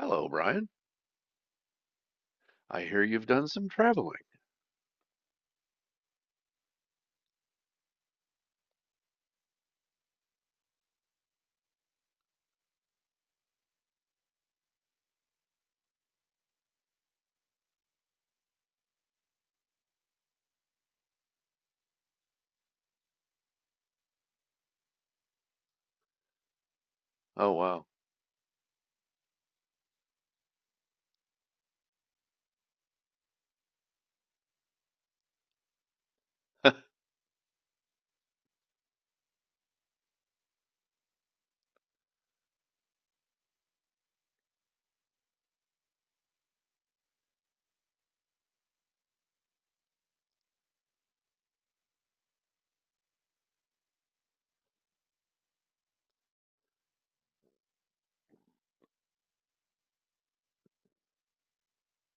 Hello, Brian. I hear you've done some traveling. Oh, wow.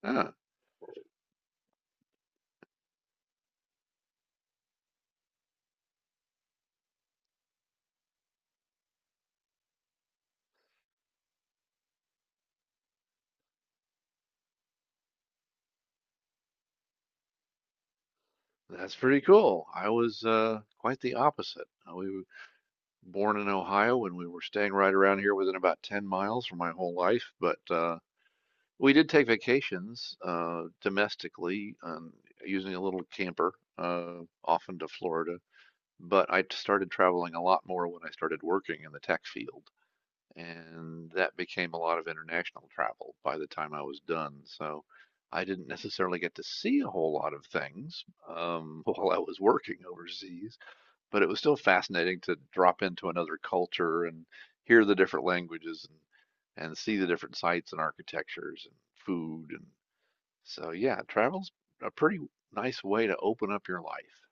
Huh, that's pretty cool. I was quite the opposite. We were born in Ohio and we were staying right around here within about 10 miles for my whole life, but we did take vacations domestically, using a little camper, uh, often to Florida. But I started traveling a lot more when I started working in the tech field, and that became a lot of international travel by the time I was done. So I didn't necessarily get to see a whole lot of things, while I was working overseas, but it was still fascinating to drop into another culture and hear the different languages and see the different sites and architectures and food. And so yeah, travel's a pretty nice way to open up your life.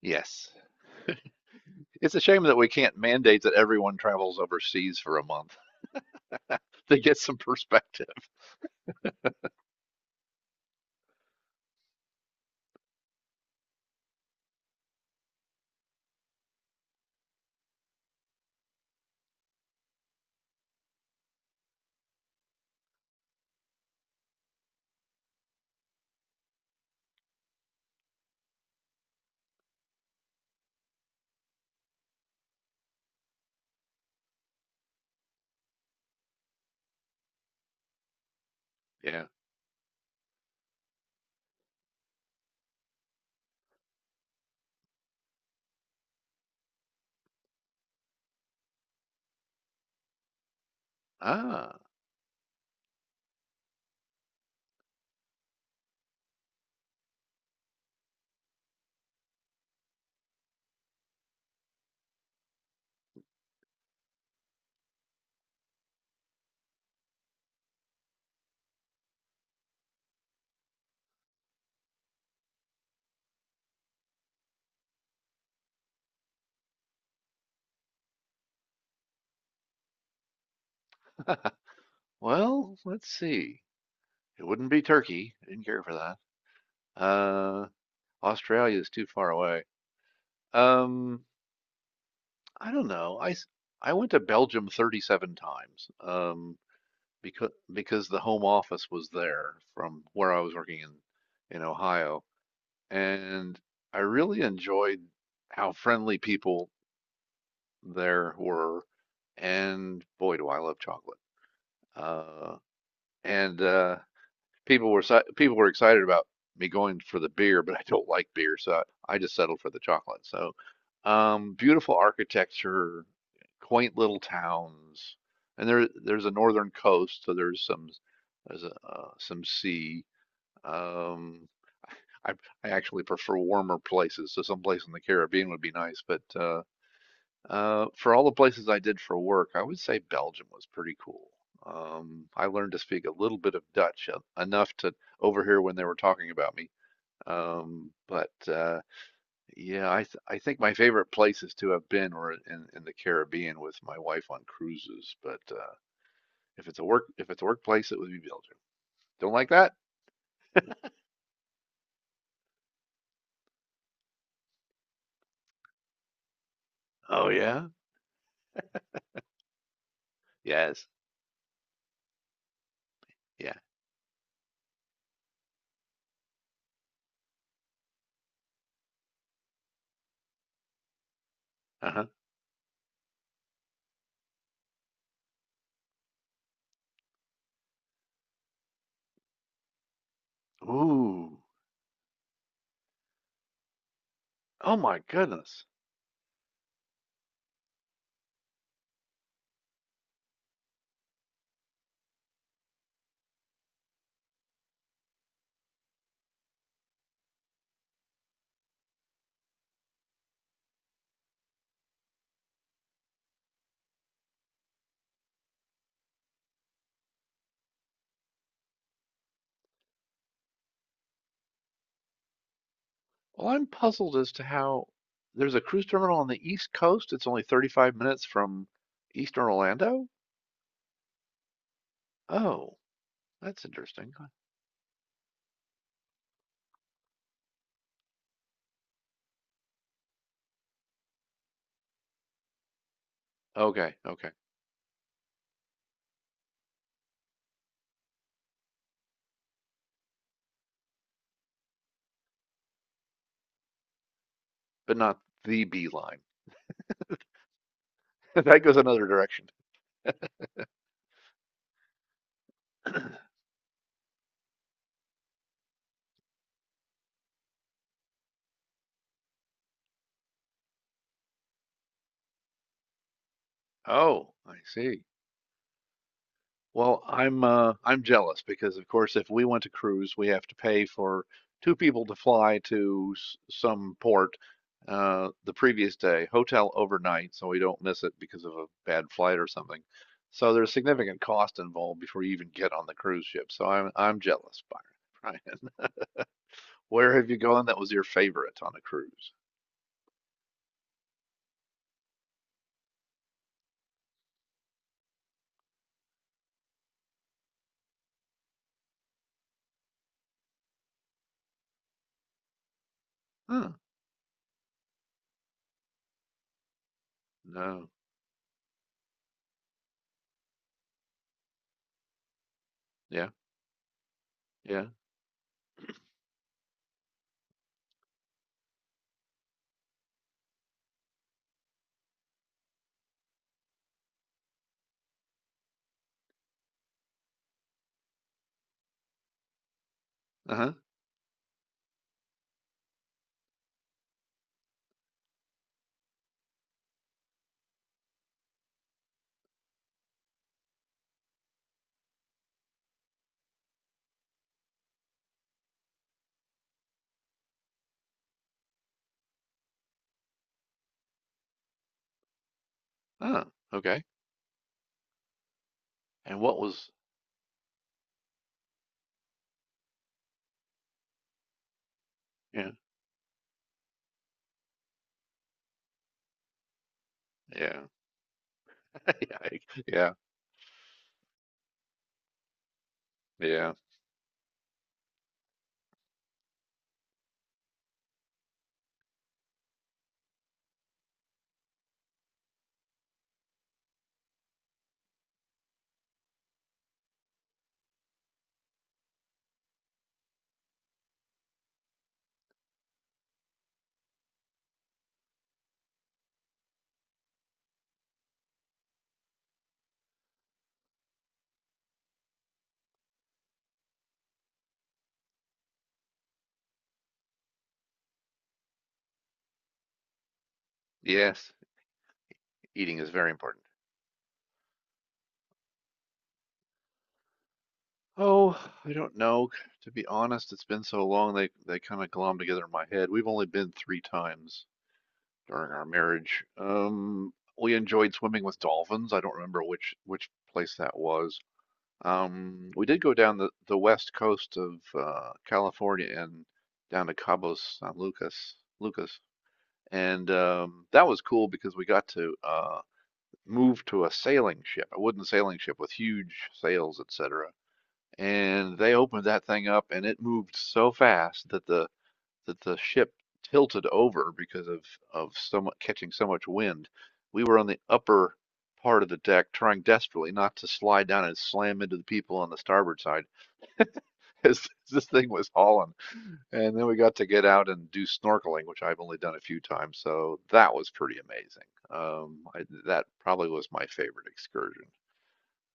Yes. It's a shame that we can't mandate that everyone travels overseas for a month to get some perspective. Yeah. Ah, well, let's see. It wouldn't be Turkey. I didn't care for that. Uh, Australia is too far away. Um, I don't know. I went to Belgium 37 times. Because the home office was there from where I was working in Ohio, and I really enjoyed how friendly people there were. And boy, do I love chocolate. Uh, and people were excited about me going for the beer, but I don't like beer, so I just settled for the chocolate. So, beautiful architecture, quaint little towns, and there's a northern coast, so there's a, some sea. Um, I I actually prefer warmer places, so someplace in the Caribbean would be nice, but for all the places I did for work, I would say Belgium was pretty cool. I learned to speak a little bit of Dutch, enough to overhear when they were talking about me. But yeah, I think my favorite places to have been were in the Caribbean with my wife on cruises. But if it's a workplace, it would be Belgium. Don't like that? Oh yeah? Yes. Yeah. Uh-huh. Ooh. Oh my goodness. Well, I'm puzzled as to how there's a cruise terminal on the East Coast. It's only 35 minutes from Eastern Orlando. Oh, that's interesting. Okay, okay. But not the B line. That goes another direction. Oh, I see. Well, I'm jealous because, of course, if we want to cruise, we have to pay for two people to fly to some port, the previous day, hotel overnight, so we don't miss it because of a bad flight or something. So there's significant cost involved before you even get on the cruise ship. So I'm jealous, Byron. Brian, where have you gone that was your favorite on a cruise? Huh, no, yeah, yeah, uh-huh. Oh, okay. And what was, yeah, yeah, yeah, yeah, yeah. Yes, eating is very important. Oh, I don't know. To be honest, it's been so long they kind of glom together in my head. We've only been three times during our marriage. We enjoyed swimming with dolphins. I don't remember which place that was. We did go down the west coast of California and down to Lucas. And that was cool because we got to move to a sailing ship, a wooden sailing ship with huge sails, etc. And they opened that thing up, and it moved so fast that the ship tilted over because of so much catching so much wind. We were on the upper part of the deck, trying desperately not to slide down and slam into the people on the starboard side as this thing was hauling. And then we got to get out and do snorkeling, which I've only done a few times, so that was pretty amazing. Um, I, that probably was my favorite excursion.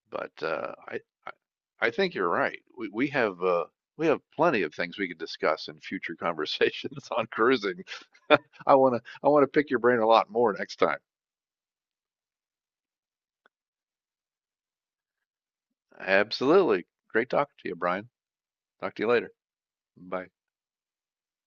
But I, I think you're right. We have plenty of things we could discuss in future conversations on cruising. I wanna pick your brain a lot more next time. Absolutely. Great talking to you, Brian. Talk to you later. Bye.